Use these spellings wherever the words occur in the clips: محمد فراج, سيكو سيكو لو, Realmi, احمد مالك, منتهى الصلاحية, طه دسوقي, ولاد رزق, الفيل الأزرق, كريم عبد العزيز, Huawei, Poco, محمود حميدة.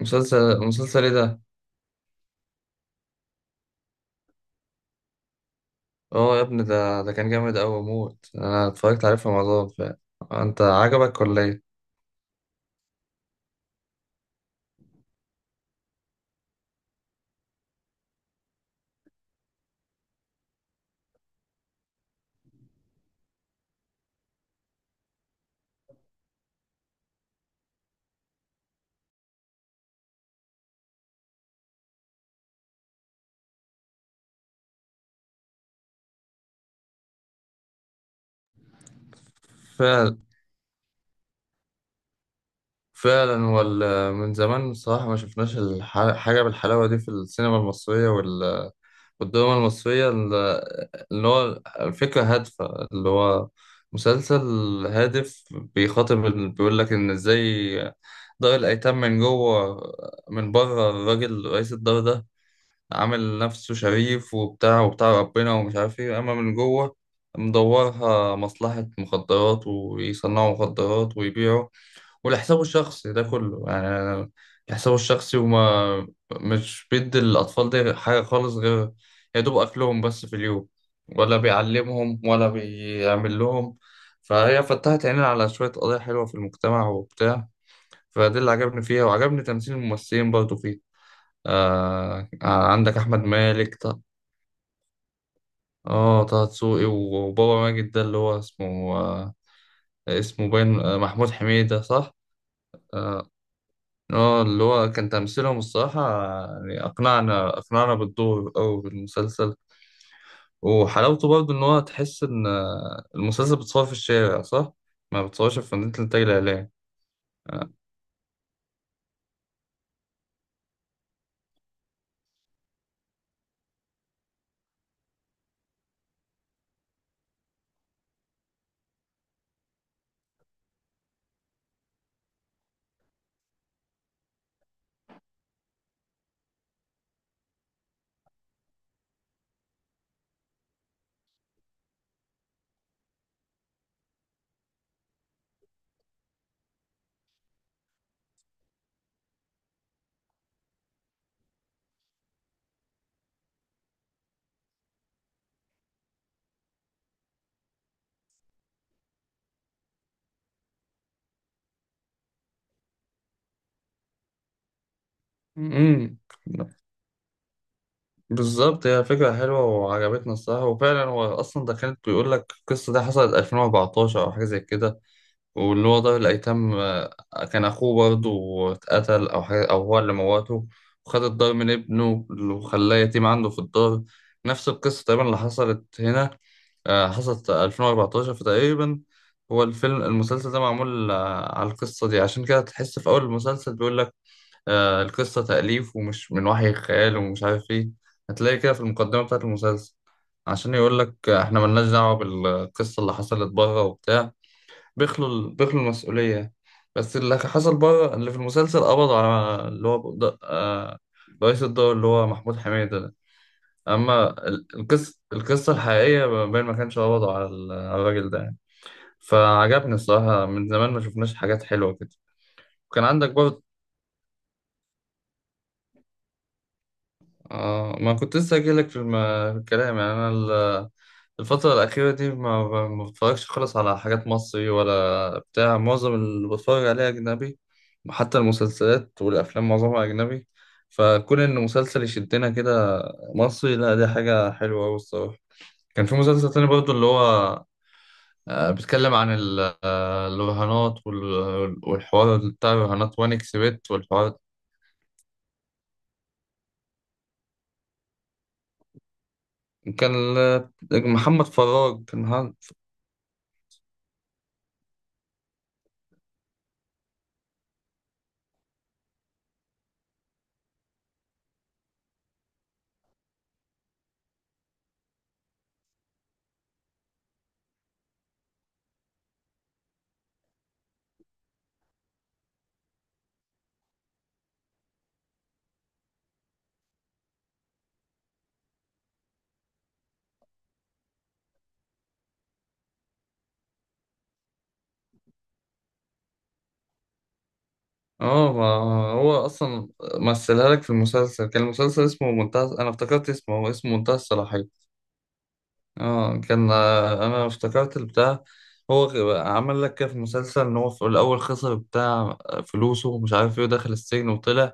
مسلسل ايه ده؟ اه يا ابني، ده كان جامد أوي موت. أنا اتفرجت عليه في رمضان فعلا. أنت عجبك ولا ايه؟ فعلا، فعلا. هو من زمان الصراحة ما شفناش حاجة بالحلاوة دي في السينما المصرية والدراما المصرية اللي هو الفكرة هادفة. اللي هو مسلسل هادف بيخاطب بيقول لك إن إزاي دار الأيتام من جوه. من بره الراجل رئيس الدار ده عامل نفسه شريف وبتاع وبتاع ربنا ومش عارف ايه، اما من جوه مدورها مصلحة مخدرات ويصنعوا مخدرات ويبيعوا ولحسابه الشخصي ده كله. يعني لحسابه الشخصي، وما مش بيدي الأطفال دي حاجة خالص غير يا دوب أكلهم بس في اليوم، ولا بيعلمهم ولا بيعمل لهم. فهي فتحت عينينا على شوية قضايا حلوة في المجتمع وبتاع. فده اللي عجبني فيها، وعجبني تمثيل الممثلين برضه فيها. آه، آه، عندك احمد مالك اه، طه دسوقي، وبابا ماجد ده اللي هو اسمه اسمه باين، محمود حميدة صح. اه، اللي هو كان تمثيلهم الصراحة، يعني اقنعنا بالدور او بالمسلسل. وحلاوته برضه ان هو تحس ان المسلسل بتصور في الشارع صح، ما بتصورش في مدينة الانتاج الاعلامي. آه، امم بالظبط، هي فكرة حلوة وعجبتنا الصراحة، وفعلا هو أصلا ده كانت بيقول لك القصة دي حصلت 2014 أو حاجة زي كده. واللي هو ضابط الأيتام، كان أخوه برضه اتقتل أو حاجة، أو هو اللي موته. وخد الدار من ابنه وخلاه يتيم عنده في الدار. نفس القصة تقريبا اللي حصلت هنا. حصلت 2014 فتقريبا. هو الفيلم المسلسل ده معمول على القصة دي. عشان كده تحس في أول المسلسل بيقول لك القصة تأليف ومش من وحي الخيال ومش عارف إيه. هتلاقي كده في المقدمة بتاعة المسلسل. عشان يقول لك إحنا ملناش دعوة بالقصة اللي حصلت بره وبتاع. بيخلوا المسؤولية. بس اللي حصل بره اللي في المسلسل قبضوا على اللي هو رئيس الدور اللي هو محمود حميدة ده. أما القصة الحقيقية باين ما كانش قبضوا على على الراجل ده يعني. فعجبني الصراحة، من زمان ما شفناش حاجات حلوة كده. وكان عندك برضه. آه، ما كنت لسه أجيلك في في الكلام. يعني أنا الفترة الأخيرة دي ما بتفرجش خالص على حاجات مصري ولا بتاع. معظم اللي بتفرج عليه أجنبي، حتى المسلسلات والأفلام معظمها أجنبي. فكون إن مسلسل يشدنا كده مصري، لا، دي حاجة حلوة أوي الصراحة. كان في مسلسل تاني برضه اللي هو بيتكلم عن الرهانات والحوار بتاع الرهانات، وان اكس بت والحوار ده. كان محمد فراج كان. اه، ما هو اصلا مثلها لك في المسلسل. كان المسلسل اسمه منتهى، انا افتكرت اسمه، هو اسمه منتهى الصلاحية. اه، كان، انا افتكرت البتاع. هو عمل لك كده في المسلسل ان هو في الاول خسر بتاع فلوسه ومش عارف ايه، ودخل السجن وطلع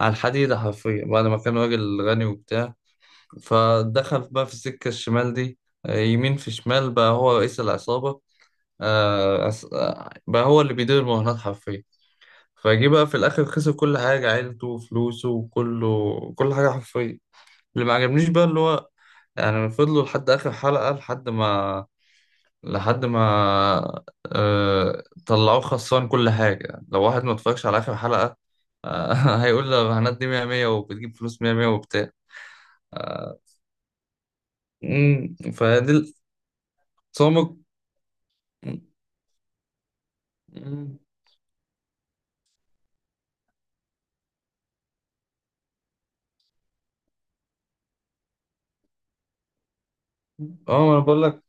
على الحديدة حرفيا بعد ما كان راجل غني وبتاع. فدخل بقى في السكة الشمال دي. يمين في شمال، بقى هو رئيس العصابة. بقى هو اللي بيدير المهنات حرفيا. فجه بقى في الاخر خسر كل حاجه، عيلته وفلوسه وكله، كل حاجه حرفيا. اللي ما عجبنيش بقى اللي هو، يعني فضلوا لحد اخر حلقه لحد ما طلعوه خسران كل حاجه، لو واحد ما اتفرجش على اخر حلقه. آه... هيقول الرهانات دي 100 100 وبتجيب فلوس 100 100 وبتاع. آه، فدي التصامك. مم، اه، ما انا بقول لك.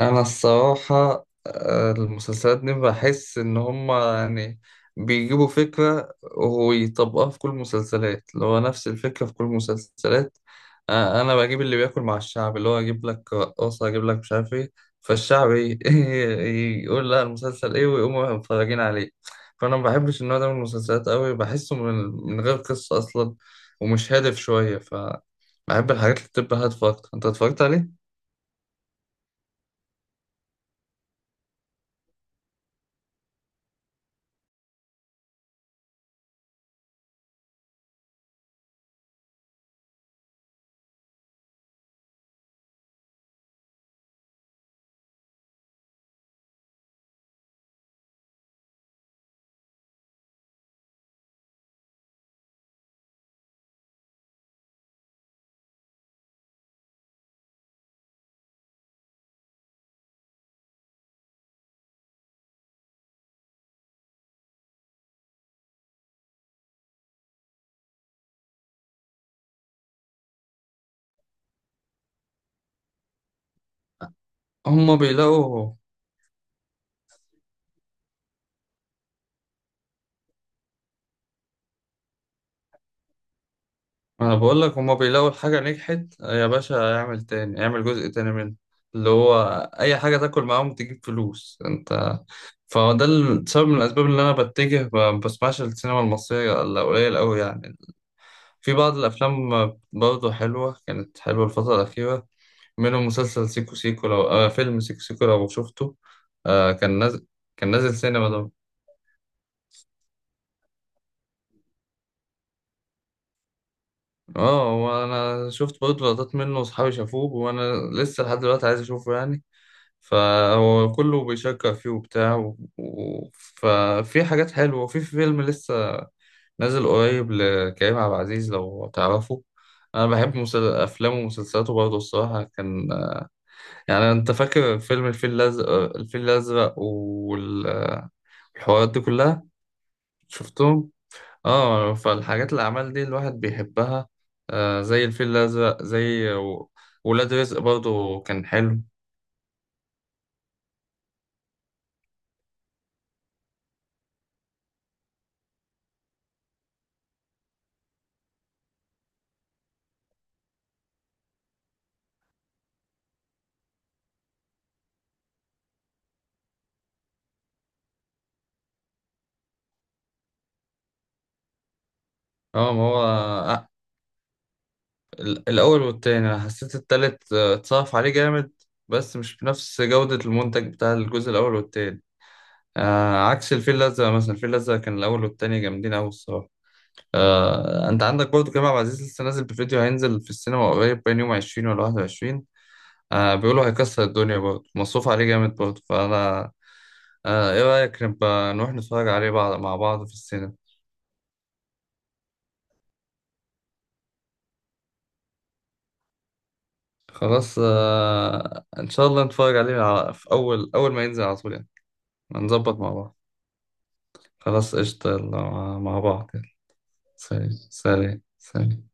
انا الصراحه، المسلسلات دي بحس ان هما يعني بيجيبوا فكره ويطبقوها في كل المسلسلات، اللي هو نفس الفكره في كل المسلسلات. انا بجيب اللي بياكل مع الشعب، اللي هو اجيب لك رقاصه، اجيب لك مش عارف ايه. فالشعب ايه؟ يقول لا، المسلسل ايه، ويقوموا متفرجين عليه. فانا ما بحبش النوع ده من المسلسلات قوي، بحسه من غير قصه اصلا، ومش هادف شويه، ف بحب الحاجات اللي بتبقى هادفه اكتر. انت اتفرجت عليه؟ هما بيلاقوا. ما انا بقول لك، هما بيلاقوا الحاجة نجحت يا باشا، اعمل تاني، اعمل جزء تاني منها. اللي هو اي حاجة تاكل معاهم تجيب فلوس. انت. فده سبب من الاسباب اللي انا بتجه ما بسمعش السينما المصرية الا قليل قوي يعني. في بعض الافلام برضه حلوة، كانت حلوة الفترة الاخيرة، منهم مسلسل سيكو سيكو، لو فيلم سيكو سيكو لو شفته. آه، كان نازل سينما ده. اه، وانا شفت برضه لقطات منه، واصحابي شافوه، وانا لسه لحد دلوقتي عايز اشوفه يعني. فهو كله بيشكر فيه وبتاع ففي حاجات حلوة. وفي فيلم لسه نازل قريب لكريم عبد العزيز لو تعرفه. أنا بحب أفلامه ومسلسلاته برضه الصراحة. كان، يعني، أنت فاكر فيلم الفيل الأزرق؟ الفيل الأزرق والحوارات دي كلها، شفتهم؟ اه، فالحاجات، الأعمال دي الواحد بيحبها. آه، زي الفيل الأزرق، زي ولاد رزق برضه كان حلو. اه، ما هو الأول والتاني، أنا حسيت التالت اتصرف عليه جامد. بس مش بنفس جودة المنتج بتاع الجزء الأول والتاني. آه، عكس الفيل الأزرق مثلا، الفيل الأزرق كان الأول والتاني جامدين أوي الصراحة. آه، أنت عندك برضه كريم عبد العزيز لسه نازل بفيديو، هينزل في السينما قريب، بين يوم 20 ولا 21. آه، بيقولوا هيكسر الدنيا برضه، مصروف عليه جامد برضه. فأنا. آه، إيه رأيك نبقى نروح نتفرج عليه، بعض مع بعض، في السينما؟ خلاص، آه، إن شاء الله نتفرج عليه في أول، أول ما ينزل، على طول يعني. هنظبط مع بعض. خلاص قشطة، يلا، مع بعض، يلا. سلام، سلام، سلام.